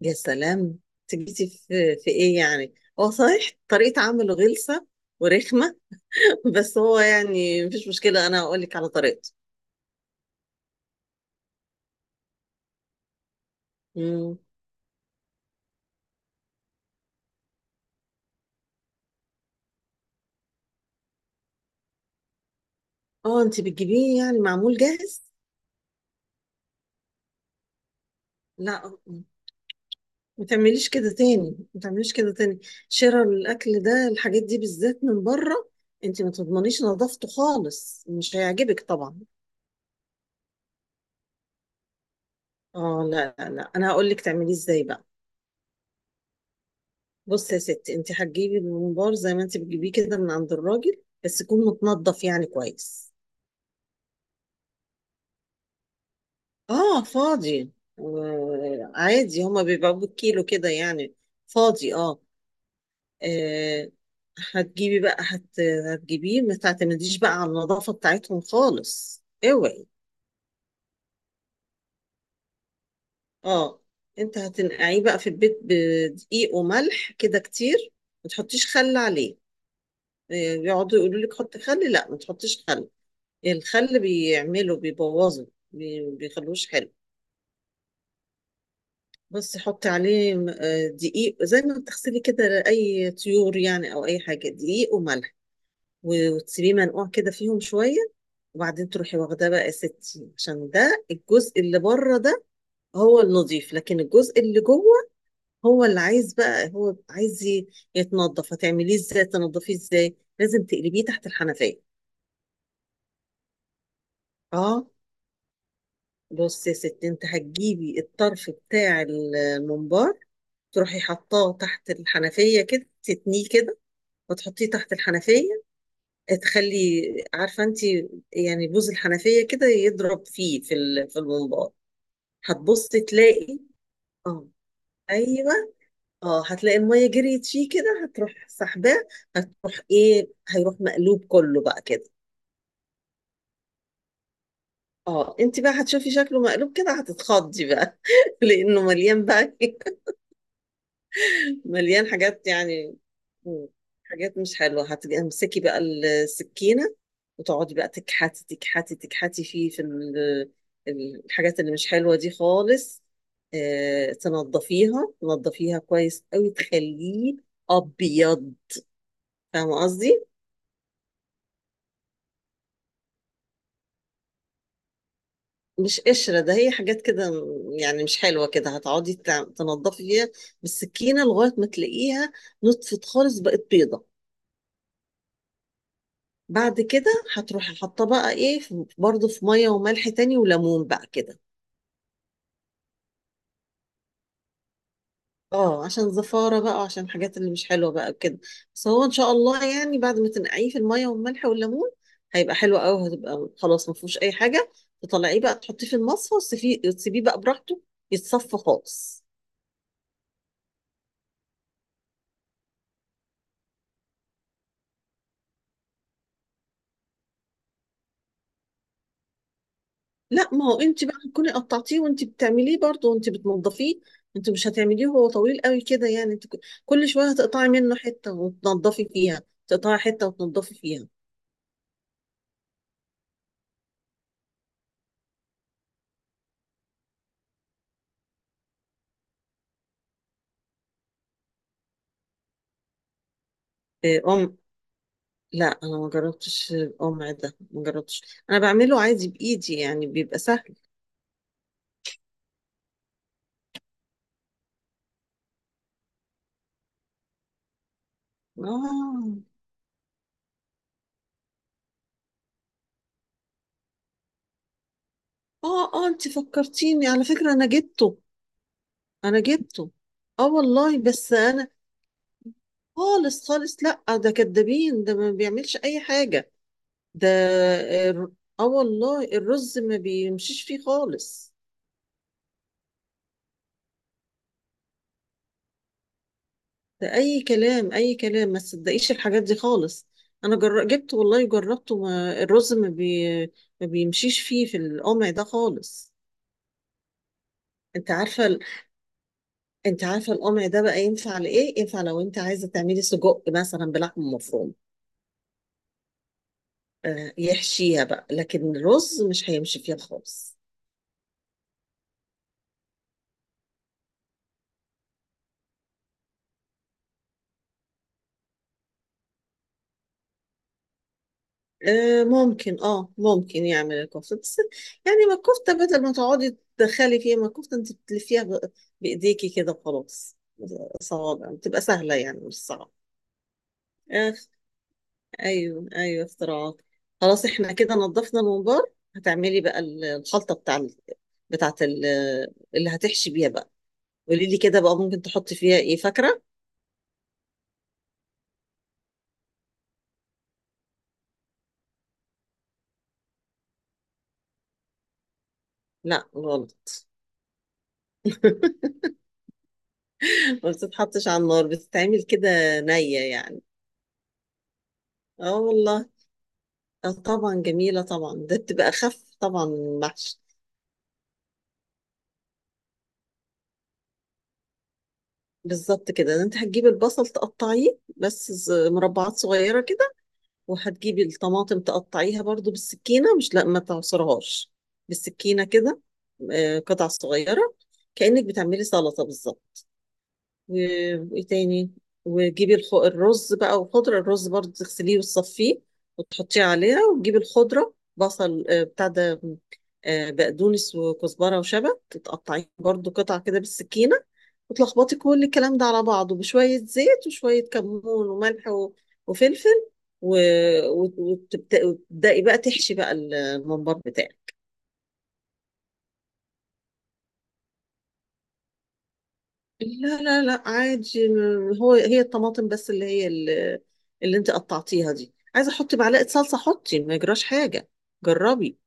يا سلام. تجيتي في ايه يعني؟ هو صحيح طريقة عمله غلسة ورخمة. بس هو يعني مفيش مشكلة، انا هقول لك على طريقته. مم. اه، انت بتجيبيه يعني معمول جاهز؟ لا ما تعمليش كده تاني، ما تعمليش كده تاني. شراء الاكل ده، الحاجات دي بالذات من بره انت ما تضمنيش نظافته خالص، مش هيعجبك طبعا. اه لا، انا هقول لك تعمليه ازاي بقى. بص يا ستي، انت هتجيبي الممبار زي ما انت بتجيبيه كده من عند الراجل، بس يكون متنضف يعني كويس. اه فاضي. آه عادي، هما بيبقوا بالكيلو كده يعني. فاضي اه. آه، هتجيبي بقى هت... هتجيبيه ما تعتمديش بقى على النظافة بتاعتهم خالص، اوعي. اه، انت هتنقعيه بقى في البيت بدقيق وملح كده كتير. ما تحطيش خل عليه. بيقعدوا يقولوا لك حط خل، لا ما تحطيش خل. الخل بيعمله بيبوظه بيخلوش حلو. بس حط عليه دقيق زي ما بتغسلي كده اي طيور يعني، او اي حاجه، دقيق وملح. وتسيبيه منقوع كده فيهم شويه. وبعدين تروحي واخداه بقى يا ستي، عشان ده الجزء اللي بره ده هو النظيف، لكن الجزء اللي جوه هو اللي عايز بقى، هو عايز يتنضف. هتعمليه ازاي؟ تنضفيه ازاي؟ لازم تقلبيه تحت الحنفيه. اه، بص يا ستي، انت هتجيبي الطرف بتاع الممبار، تروحي حطاه تحت الحنفية كده، تتنيه كده وتحطيه تحت الحنفية. تخلي، عارفة انت، يعني بوز الحنفية كده يضرب فيه في في الممبار. هتبصي تلاقي، اه، ايوه، اه، هتلاقي المية جريت فيه كده، هتروح سحباه، هتروح ايه، هيروح مقلوب كله بقى كده. اه، انت بقى هتشوفي شكله مقلوب كده، هتتخضي بقى. لانه مليان بقى، مليان حاجات يعني. مم. حاجات مش حلوة. هتمسكي بقى السكينة وتقعدي بقى تكحتي فيه في الحاجات اللي مش حلوة دي خالص. تنضفيها، تنضفيها كويس قوي، تخليه أبيض. فاهمة قصدي؟ مش قشرة ده، هي حاجات كده يعني مش حلوة كده. هتقعدي تنضفي فيها بالسكينة لغاية ما تلاقيها نطفت خالص، بقت بيضة. بعد كده هتروحي حاطه بقى ايه برضه في ميه وملح تاني وليمون بقى كده. اه عشان زفاره بقى وعشان الحاجات اللي مش حلوه بقى كده. بس هو ان شاء الله يعني بعد ما تنقعيه في الميه والملح والليمون هيبقى حلو قوي، هتبقى خلاص ما فيهوش اي حاجه. تطلعيه بقى تحطيه في المصفى وتسيبيه بقى براحته، يتصفى خالص. لا، ما هو انت بقى هتكوني قطعتيه وانت بتعمليه برضه وانت بتنضفيه. انت مش هتعمليه وهو طويل قوي كده، يعني انت كل شويه هتقطعي منه حته وتنضفي فيها، تقطعي حته وتنضفي فيها. إيه، لا أنا ما جربتش. ده ما جربتش. أنا بعمله عادي بإيدي، يعني بيبقى سهل. آه آه، أنت فكرتيني على فكرة، أنا جبته. أنا جبته. آه والله، بس أنا خالص خالص. لا ده كدابين، ده ما بيعملش أي حاجة ده. آه آه والله، الرز ما بيمشيش فيه خالص. ده اي كلام، اي كلام، ما تصدقيش الحاجات دي خالص. جبت والله، جربته ما الرز ما, بي... ما بيمشيش فيه في القمع ده خالص. انت عارفه انت عارفه القمع ده بقى ينفع لايه؟ ينفع لو انت عايزه تعملي سجق مثلا بلحمه مفرومه. آه يحشيها بقى، لكن الرز مش هيمشي فيها خالص. ممكن، اه ممكن يعمل الكفته، بس يعني ما الكفته، بدل ما تقعدي تدخلي فيها، ما الكفته انت بتلفيها بايديكي كده وخلاص. صوابع بتبقى سهله يعني، مش صعبه. اخ، ايوه ايوه اختراعات. خلاص احنا كده نظفنا الممبار، هتعملي بقى الخلطه بتاعت اللي هتحشي بيها بقى. قولي لي كده بقى، ممكن تحطي فيها ايه فاكره؟ لا غلط. ما بتتحطش على النار، بتتعمل كده نيه يعني. اه والله. اه طبعا جميلة طبعا، ده بتبقى أخف طبعا من المحشي. بالظبط كده. ده انت هتجيبي البصل تقطعيه بس مربعات صغيرة كده، وهتجيبي الطماطم تقطعيها برضو بالسكينة، مش، لا ما تعصرهاش، بالسكينة كده، قطع صغيرة، كأنك بتعملي سلطة بالظبط. و- وايه تاني؟ وتجيبي الرز بقى والخضرة. الرز برضه تغسليه وتصفيه وتحطيه عليها، وتجيبي الخضرة، بصل، بتاع ده، بقدونس وكزبرة وشبت، تقطعيه برضه قطع كده بالسكينة، وتلخبطي كل الكلام ده على بعضه بشوية زيت وشوية كمون وملح وفلفل، وتبدأي بقى تحشي بقى الممبار بتاعك. لا عادي، هو هي الطماطم بس اللي هي اللي اللي انت قطعتيها دي. عايزه احط معلقه صلصه حطي، ما يجراش حاجه. جربي.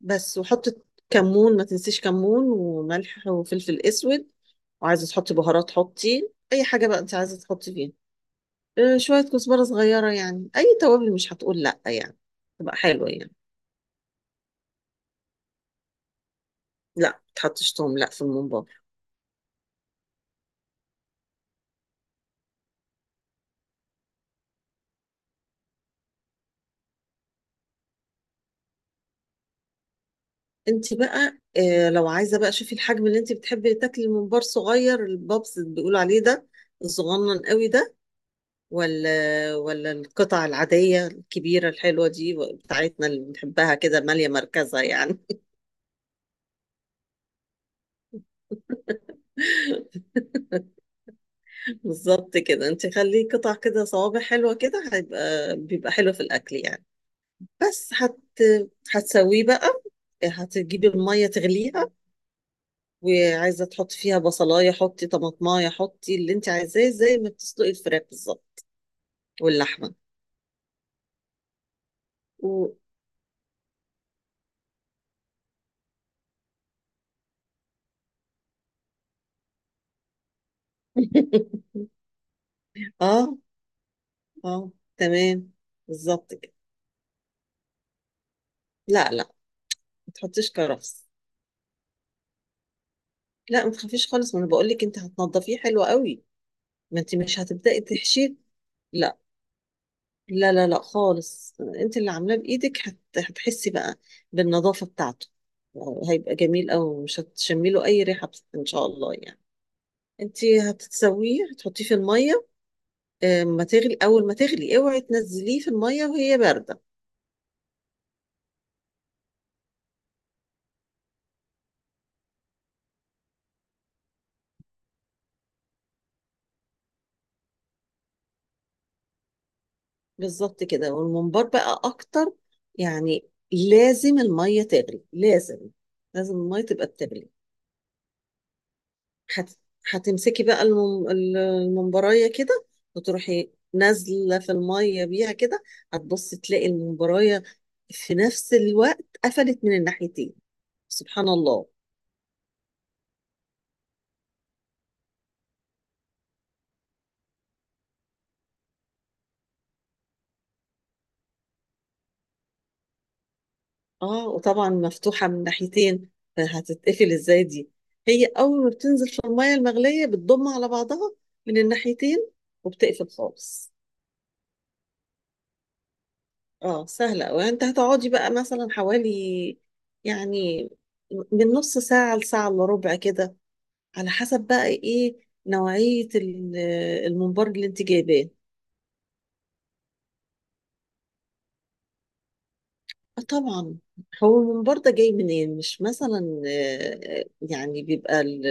بس وحطي كمون، ما تنسيش كمون وملح وفلفل اسود. وعايزه تحطي بهارات حطي اي حاجه بقى انت عايزه تحطي فيها. اه، شويه كزبره صغيره يعني، اي توابل مش هتقول لا يعني، تبقى حلوه يعني. لا ما تحطش توم، لا في الممبار. انت بقى لو عايزه بقى شوفي الحجم اللي انت بتحبي تاكلي. الممبار صغير، البابس اللي بيقولوا عليه ده، الصغنن قوي ده، ولا، ولا القطع العاديه الكبيره الحلوه دي بتاعتنا اللي بنحبها كده ماليه مركزها يعني؟ بالظبط كده. انت خليه قطع كده صوابع حلوه كده، هيبقى، بيبقى حلو في الاكل يعني. بس هت، هتسويه بقى، هتجيبي الميه تغليها. وعايزه تحطي فيها بصلايه حطي، طماطمايه حطي، اللي انت عايزاه، زي ما بتسلقي الفراخ بالظبط واللحمة. و- اه، اه، تمام. بالظبط كده. لا ما تحطيش كرفس. لا ما تخافيش خالص، ما انا بقول لك انت هتنضفيه حلو قوي، ما انت مش هتبدأي تحشيه. لا لا خالص، انت اللي عاملاه بايدك، هتحسي بقى بالنظافة بتاعته. هيبقى جميل قوي، ومش هتشمي له اي ريحة، ان شاء الله يعني. انت هتتسويه، هتحطيه في المية. ما تغلي، اول ما تغلي اوعي تنزليه في المية وهي باردة. بالظبط كده. والممبار بقى اكتر يعني، لازم الميه تغلي، لازم، لازم الميه تبقى بتغلي. هت... هتمسكي بقى الممبرايه كده، وتروحي نازله في الميه بيها كده. هتبصي تلاقي الممبرايه في نفس الوقت قفلت من الناحيتين. سبحان الله. اه وطبعا مفتوحه من ناحيتين، فهتتقفل ازاي دي؟ هي اول ما بتنزل في الميه المغليه بتضم على بعضها من الناحيتين، وبتقفل خالص. اه سهلة. وانت هتقعدي بقى مثلا حوالي يعني من نص ساعة لساعة الا ربع كده، على حسب بقى ايه نوعية الممبار اللي انت جايباه. آه طبعا. هو الممبار ده جاي منين؟ مش مثلا يعني بيبقى ال-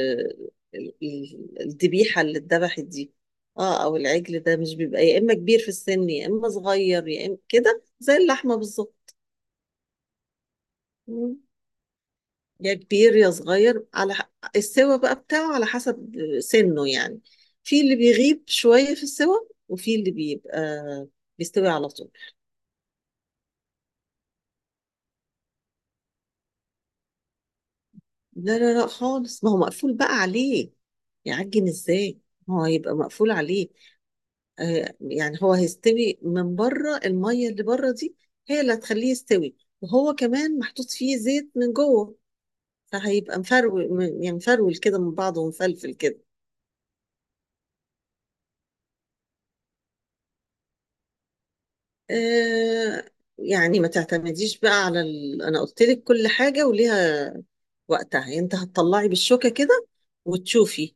ال- ال- الذبيحة اللي اتذبحت دي. اه، او العجل ده مش بيبقى يا اما كبير في السن يا اما صغير، يا اما كده زي اللحمة بالظبط. يا كبير يا صغير على السوا بقى بتاعه، على حسب سنه يعني. في اللي بيغيب شوية في السوا، وفي اللي بيبقى بيستوي على طول. لا خالص، ما هو مقفول بقى عليه، يعجن ازاي؟ ما هو هيبقى مقفول عليه. آه يعني هو هيستوي من بره، المية اللي بره دي هي اللي هتخليه يستوي، وهو كمان محطوط فيه زيت من جوه، فهيبقى مفرول، يعني مفرول كده من بعضه ومفلفل كده. آه يعني ما تعتمديش بقى على انا قلت لك كل حاجه وليها وقتها. يعني انت هتطلعي بالشوكه كده وتشوفي،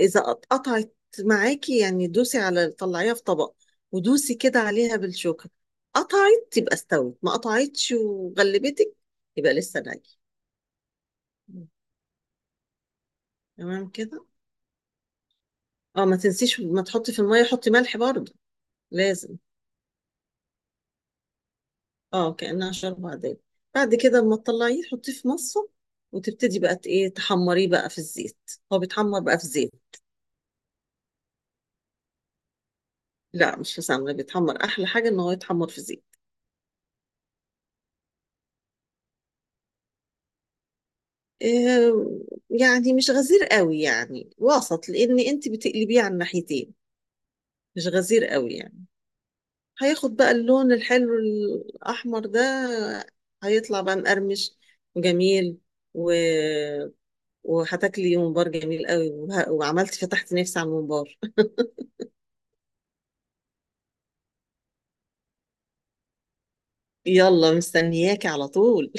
اذا قطعت معاكي، يعني دوسي على، طلعيها في طبق ودوسي كده عليها بالشوكه. قطعت يبقى استوت، ما قطعتش وغلبتك يبقى لسه ني. تمام كده. اه، ما تنسيش ما تحطي في الميه، حطي ملح برضه، لازم. اه، كأنها شوربة عادية. بعد كده لما تطلعيه تحطيه في مصة، وتبتدي بقى ت- ايه تحمريه بقى في الزيت. هو بيتحمر بقى في زيت. لا مش في سمنة، بيتحمر، أحلى حاجة إن هو يتحمر في زيت. إيه، يعني مش غزير قوي يعني، وسط، لأن أنت بتقلبيه على الناحيتين، مش غزير قوي يعني. هياخد بقى اللون الحلو الأحمر ده، هيطلع بقى مقرمش وجميل و... وهتاكلي ممبار جميل قوي، وعملتي فتحت نفسي على الممبار. يلا، مستنياكي على طول.